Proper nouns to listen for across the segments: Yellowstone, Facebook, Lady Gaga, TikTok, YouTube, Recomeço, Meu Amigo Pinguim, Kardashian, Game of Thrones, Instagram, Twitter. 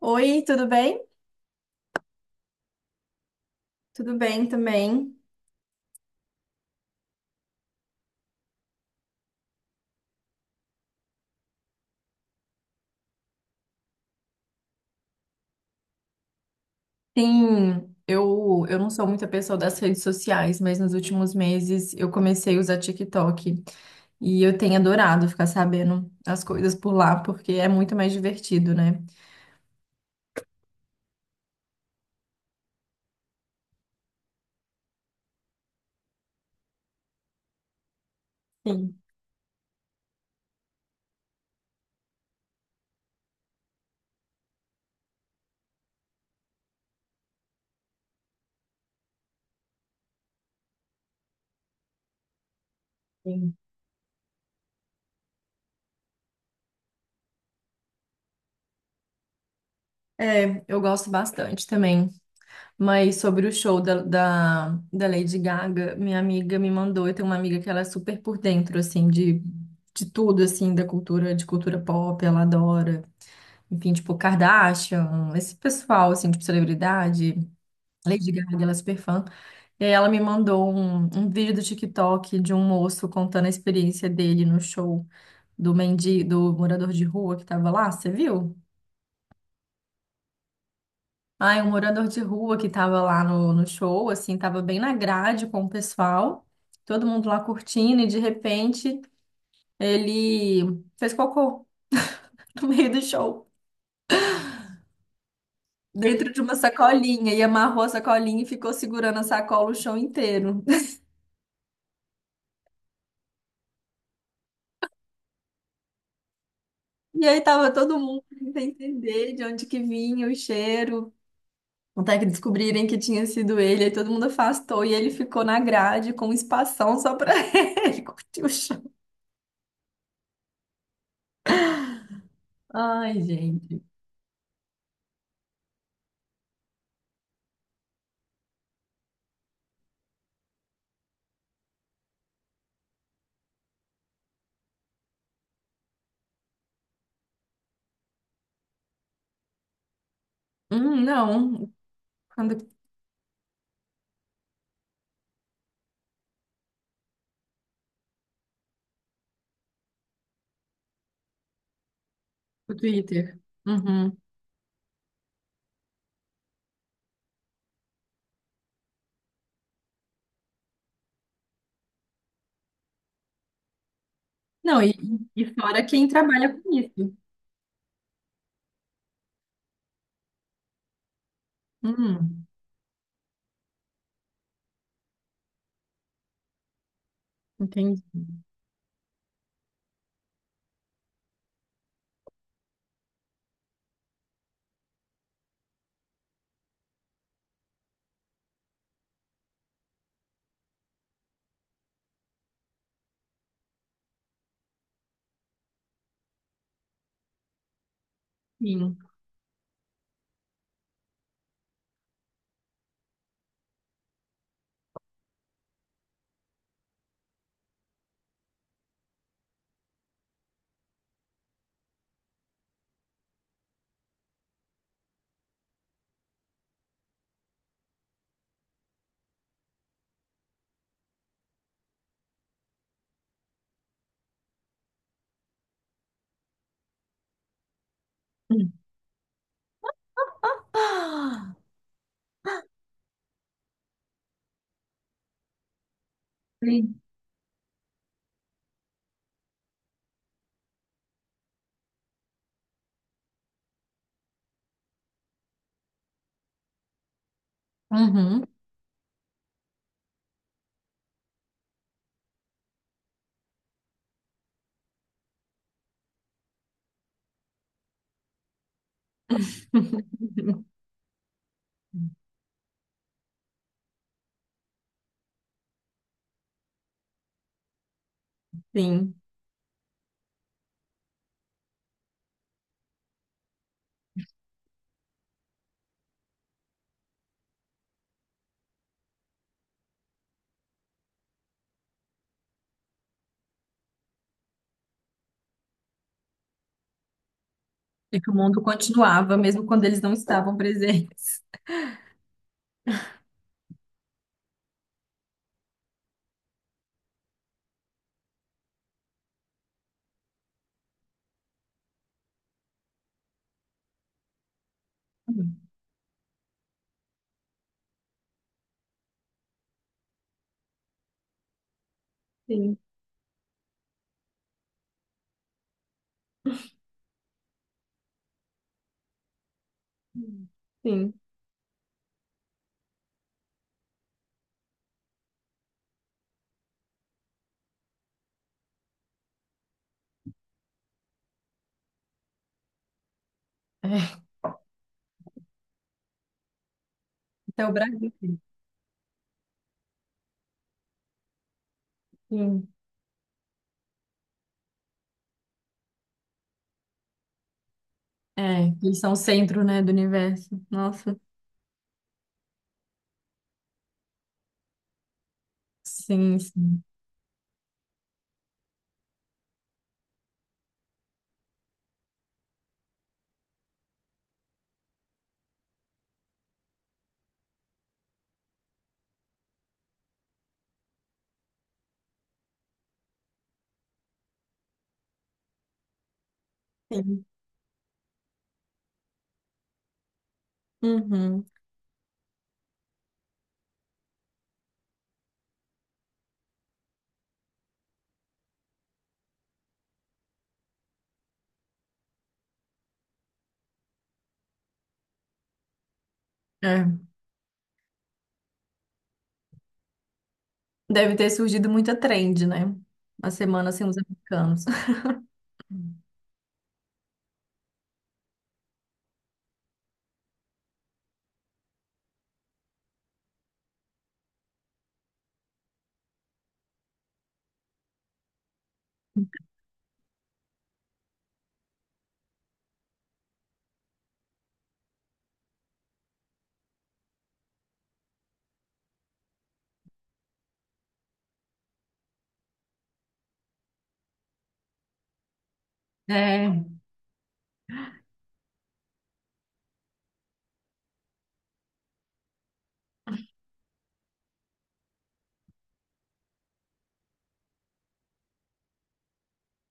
Oi, tudo bem? Tudo bem também. Sim, eu não sou muita pessoa das redes sociais, mas nos últimos meses eu comecei a usar TikTok e eu tenho adorado ficar sabendo as coisas por lá, porque é muito mais divertido, né? Sim, sim. É, eu gosto bastante também. Mas sobre o show da Lady Gaga, minha amiga me mandou. Eu tenho uma amiga que ela é super por dentro, assim, de tudo, assim, da cultura, de cultura pop, ela adora. Enfim, tipo, Kardashian, esse pessoal, assim, tipo, celebridade, Lady Gaga, ela é super fã. E aí ela me mandou um vídeo do TikTok de um moço contando a experiência dele no show do mendi, do morador de rua que tava lá, você viu? Ai, um morador de rua que tava lá no show, assim, tava bem na grade com o pessoal, todo mundo lá curtindo, e de repente ele fez cocô no meio do show dentro de uma sacolinha e amarrou a sacolinha e ficou segurando a sacola o chão inteiro. E aí tava todo mundo tentando entender de onde que vinha o cheiro, até que descobrirem que tinha sido ele, aí todo mundo afastou e ele ficou na grade com um espação só pra ele curtir o chão. Ai, gente. Não, quando o Twitter. Uhum. Não, e fora quem trabalha com isso. Hum, entendi. Sim. Hum. Ah, sim. Uhum. Sim. E que o mundo continuava, mesmo quando eles não estavam presentes. Sim. Sim. É. Até o Brasil. Sim. Sim. É, eles são o centro, né, do universo. Nossa. Sim, sim. Sim. Uhum. É. Deve ter surgido muita trend, né? Uma semana sem os americanos. É,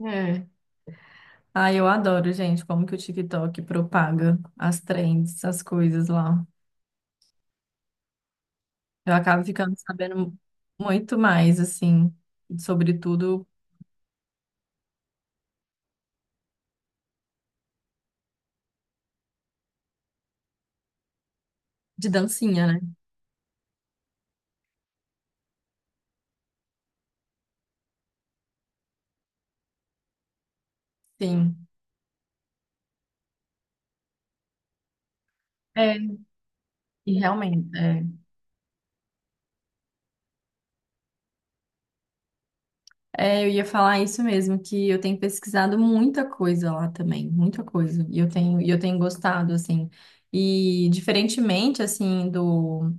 é. Ah, eu adoro, gente, como que o TikTok propaga as trends, as coisas lá. Eu acabo ficando sabendo muito mais, assim, sobretudo de dancinha, né? Sim. É, e realmente, é. É, eu ia falar isso mesmo, que eu tenho pesquisado muita coisa lá também, muita coisa. E eu tenho gostado, assim. E diferentemente, assim, do,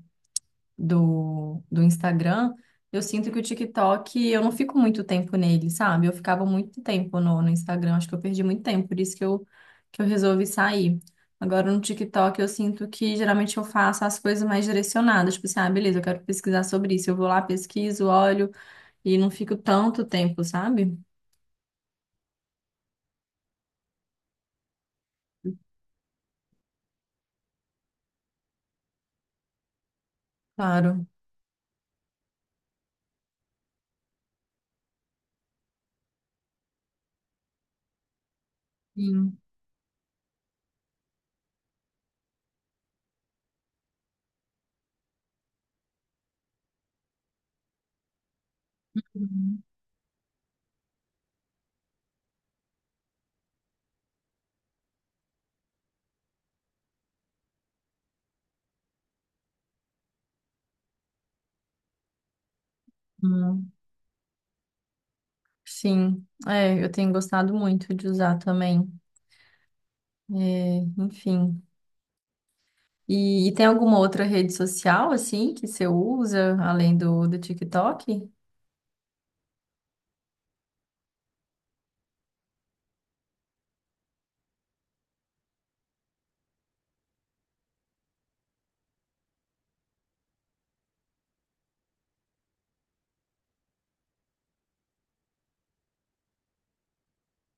do, do Instagram, eu sinto que o TikTok, eu não fico muito tempo nele, sabe? Eu ficava muito tempo no Instagram, acho que eu perdi muito tempo, por isso que eu resolvi sair. Agora no TikTok eu sinto que geralmente eu faço as coisas mais direcionadas, tipo assim, ah, beleza, eu quero pesquisar sobre isso, eu vou lá, pesquiso, olho e não fico tanto tempo, sabe? Claro. Sim. Uhum. Hum, sim. É, eu tenho gostado muito de usar também. É, enfim. E tem alguma outra rede social, assim, que você usa, além do TikTok?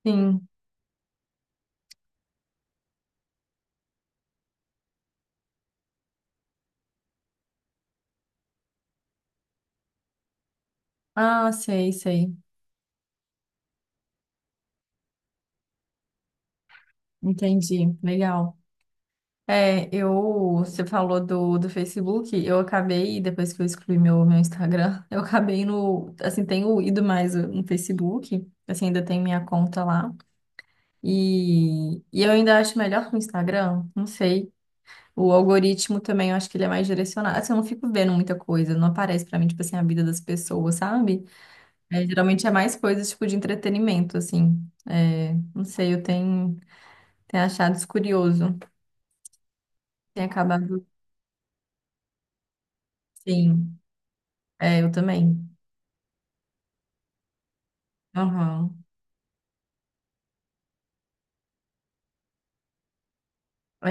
Sim. Ah, sei, sei. Entendi. Legal. É, eu, você falou do Facebook, eu acabei, depois que eu excluí meu, meu Instagram, eu acabei no, assim, tenho ido mais no Facebook, assim, ainda tem minha conta lá. E eu ainda acho melhor que o Instagram, não sei. O algoritmo também, eu acho que ele é mais direcionado. Assim, eu não fico vendo muita coisa, não aparece pra mim, tipo assim, a vida das pessoas, sabe? É, geralmente é mais coisas, tipo, de entretenimento, assim. É, não sei, eu tenho, tenho achado isso curioso. Tem acabado, sim. É, eu também. Aham. É,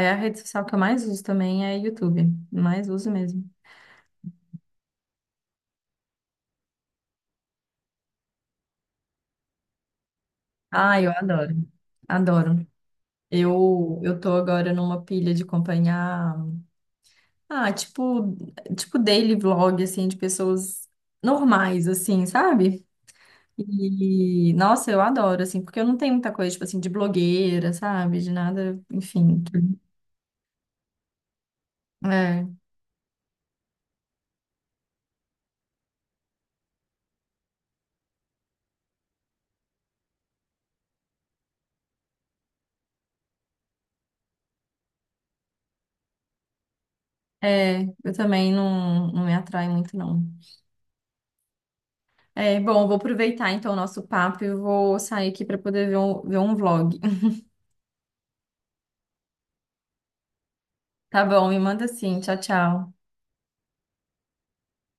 é, é a rede social que eu mais uso também, é YouTube. Mais uso mesmo. Ah, eu adoro. Adoro. Eu tô agora numa pilha de acompanhar. Ah, tipo, tipo daily vlog, assim, de pessoas normais, assim, sabe? E, nossa, eu adoro, assim, porque eu não tenho muita coisa, tipo assim, de blogueira, sabe? De nada, enfim. É, é, eu também não, não me atrai muito, não. É, bom, eu vou aproveitar, então, o nosso papo e eu vou sair aqui para poder ver um vlog. Tá bom, me manda assim, tchau, tchau.